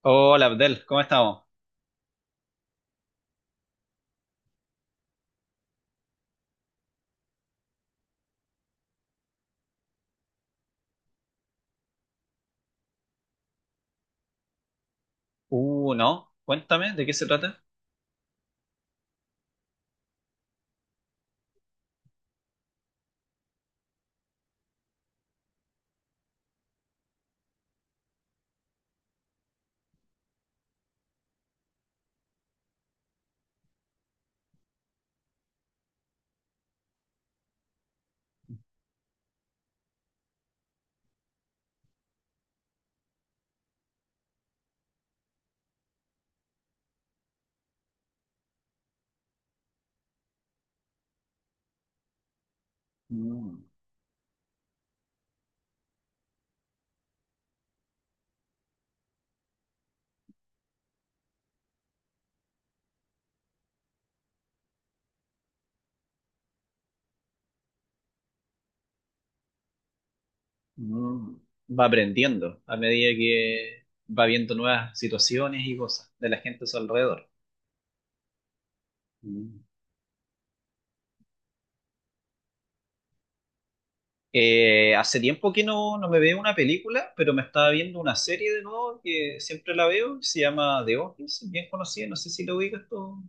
Hola Abdel, ¿cómo estamos? No, cuéntame, ¿de qué se trata? Mm, mm. Va aprendiendo a medida que va viendo nuevas situaciones y cosas de la gente a su alrededor. Mm. Hace tiempo que no me veo una película, pero me estaba viendo una serie de nuevo que siempre la veo, se llama The Office, bien conocida, no sé si lo ubicas tú.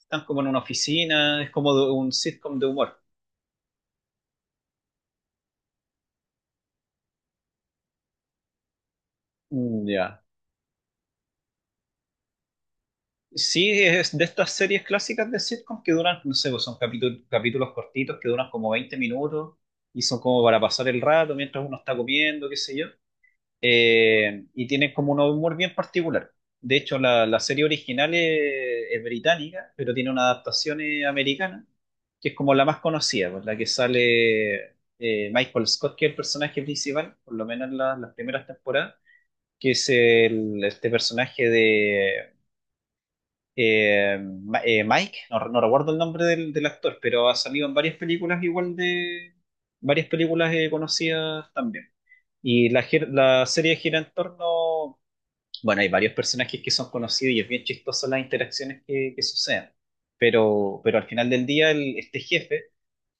Están como en una oficina, es como un sitcom de humor. Mm, ya. Sí, es de estas series clásicas de sitcom que duran, no sé, pues son capítulos, capítulos cortitos que duran como 20 minutos y son como para pasar el rato mientras uno está comiendo, qué sé yo. Y tienen como un humor bien particular. De hecho, la serie original es británica, pero tiene una adaptación americana, que es como la más conocida, pues, la que sale Michael Scott, que es el personaje principal, por lo menos en las primeras temporadas, que es el, este personaje de eh, Mike, no, no recuerdo el nombre del actor, pero ha salido en varias películas igual de varias películas conocidas también. Y la serie gira en torno, bueno, hay varios personajes que son conocidos y es bien chistoso las interacciones que suceden. Pero al final del día, este jefe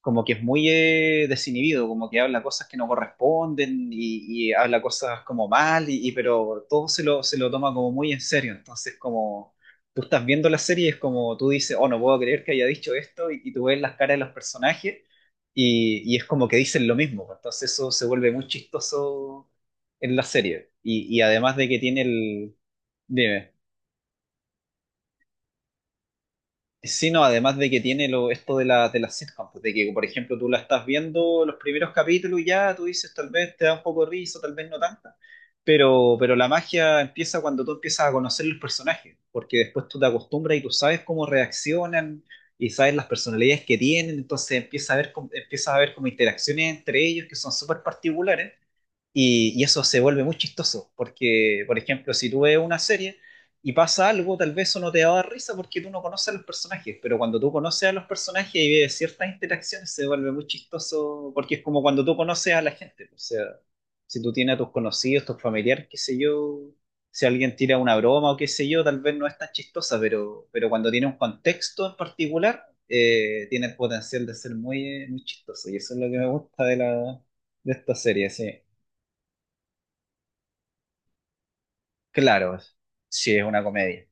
como que es muy desinhibido, como que habla cosas que no corresponden y habla cosas como mal, pero todo se se lo toma como muy en serio. Entonces, como tú estás viendo la serie, es como tú dices, oh, no puedo creer que haya dicho esto, y tú ves las caras de los personajes y es como que dicen lo mismo. Entonces, eso se vuelve muy chistoso en la serie. Y además de que tiene el... Dime. Sí, no, además de que tiene lo, esto de de la sitcom, pues, de que, por ejemplo, tú la estás viendo los primeros capítulos y ya, tú dices, tal vez te da un poco de risa, tal vez no tanta, pero la magia empieza cuando tú empiezas a conocer los personajes, porque después tú te acostumbras y tú sabes cómo reaccionan y sabes las personalidades que tienen, entonces empiezas a ver, empiezas a ver como interacciones entre ellos que son súper particulares y eso se vuelve muy chistoso, porque, por ejemplo, si tú ves una serie y pasa algo, tal vez eso no te va a dar risa porque tú no conoces a los personajes, pero cuando tú conoces a los personajes y ves ciertas interacciones, se vuelve muy chistoso, porque es como cuando tú conoces a la gente. O sea, si tú tienes a tus conocidos, tus familiares, qué sé yo, si alguien tira una broma o qué sé yo, tal vez no es tan chistosa, pero cuando tiene un contexto en particular, tiene el potencial de ser muy, muy chistoso. Y eso es lo que me gusta de esta serie, sí. Claro, sí, es una comedia.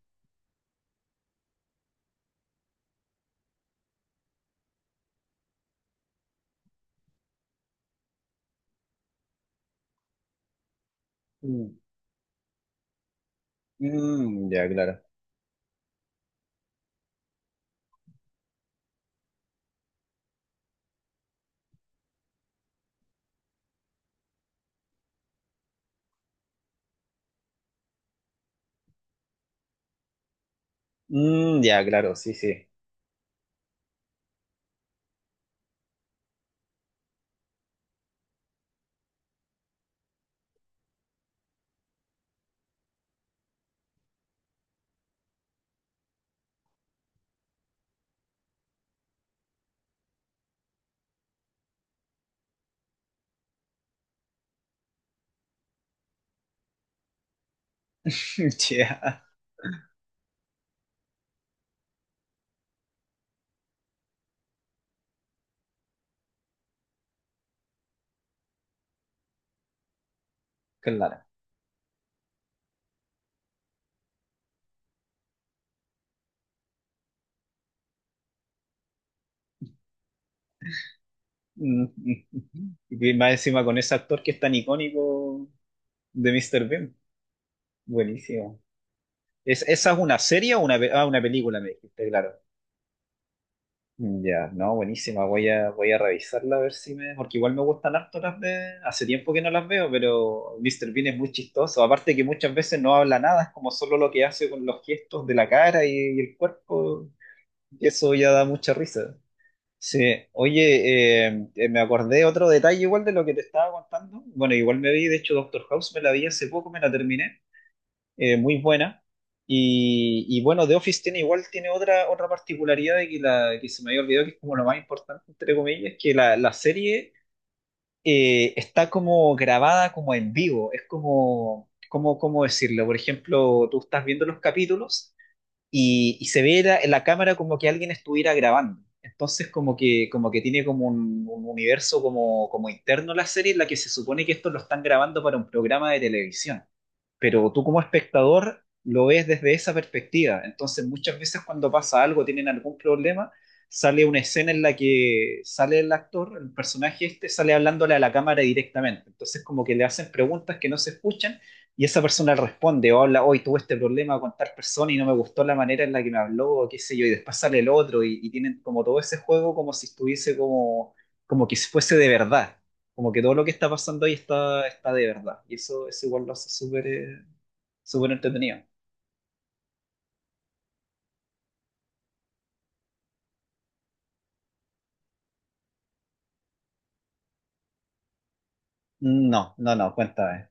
Mm, mm, ya, claro. Mm, ya, claro, sí, sí. Ya, claro. Mm, mm, mm. Y más encima con ese actor que es tan icónico de Mr. Bean. Buenísimo. ¿Es, esa es una serie o una, una película, me dijiste, claro. Ya, no, buenísima. Voy a, voy a revisarla a ver si me. Porque igual me gustan harto las de. Hace tiempo que no las veo, pero Mr. Bean es muy chistoso. Aparte que muchas veces no habla nada, es como solo lo que hace con los gestos de la cara y el cuerpo. Y eso ya da mucha risa. Sí, oye, me acordé otro detalle igual de lo que te estaba contando. Bueno, igual me vi, de hecho, Doctor House me la vi hace poco, me la terminé muy buena. Y bueno, The Office tiene igual, tiene otra, otra particularidad de que, la, que se me había olvidado, que es como lo más importante, entre comillas, que la serie está como grabada como en vivo. Es como, como, ¿cómo decirlo? Por ejemplo, tú estás viendo los capítulos y se ve la cámara como que alguien estuviera grabando. Entonces como que tiene como un universo como, como interno la serie en la que se supone que esto lo están grabando para un programa de televisión, pero tú como espectador lo ves desde esa perspectiva. Entonces muchas veces cuando pasa algo, tienen algún problema, sale una escena en la que sale el actor, el personaje este, sale hablándole a la cámara directamente. Entonces como que le hacen preguntas que no se escuchan y esa persona responde o habla, hoy tuve este problema con tal persona y no me gustó la manera en la que me habló, o qué sé yo, y después sale el otro y tienen como todo ese juego como si estuviese como, como que fuese de verdad. Como que todo lo que está pasando ahí está, está de verdad. Y eso igual lo hace súper súper entretenido. No, cuéntame.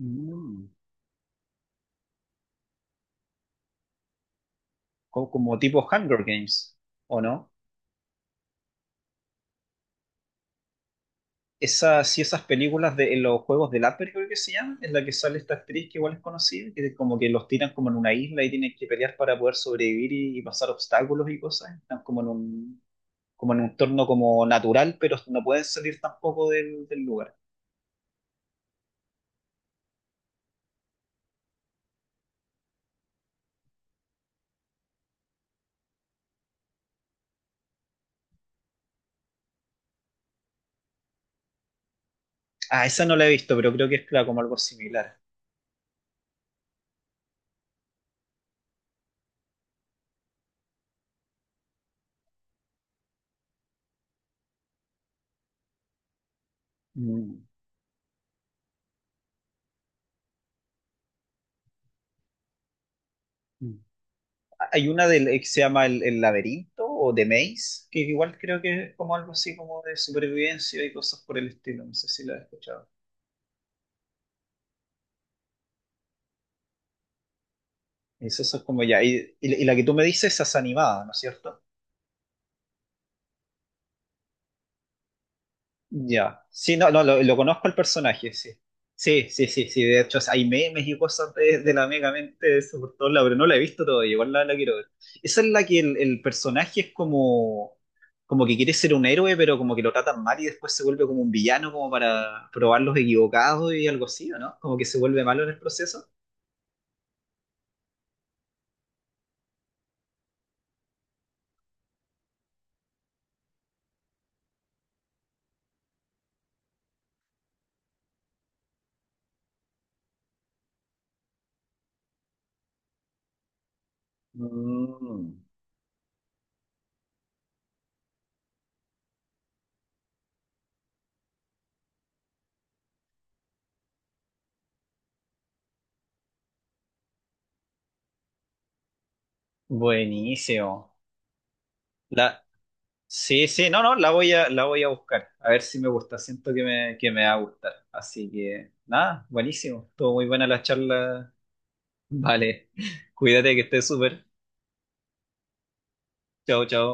Mm. Como, tipo Hunger Games, ¿o no? Esas, sí, esas películas de en los juegos del hambre, creo que se llaman, en la que sale esta actriz que igual es conocida, que como que los tiran como en una isla y tienen que pelear para poder sobrevivir y pasar obstáculos y cosas. Están como en un entorno como natural, pero no pueden salir tampoco del lugar. Ah, esa no la he visto, pero creo que es claro, como algo similar. Mm, mm. Hay una del, que se llama El Laberinto o The Maze, que igual creo que es como algo así como de supervivencia y cosas por el estilo. No sé si la has escuchado. Es, eso es como ya. Y la que tú me dices, esa es animada, ¿no es cierto? Ya. Sí, no, no, lo conozco el personaje, sí. Sí, sí, sí, sí. De hecho, hay memes y cosas de la Mega Mente de eso por todos lados, pero no la he visto todavía, igual la quiero ver. Esa es la que el personaje es como, como que quiere ser un héroe, pero como que lo tratan mal y después se vuelve como un villano, como para probar los equivocados y algo así, ¿o no? Como que se vuelve malo en el proceso. Mm, buenísimo. La, sí, sí, no, no, la voy a buscar. A ver si me gusta. Siento que me va a gustar. Así que, nada, buenísimo. Estuvo muy buena la charla. Vale. Cuídate que estés súper. Chao, chao.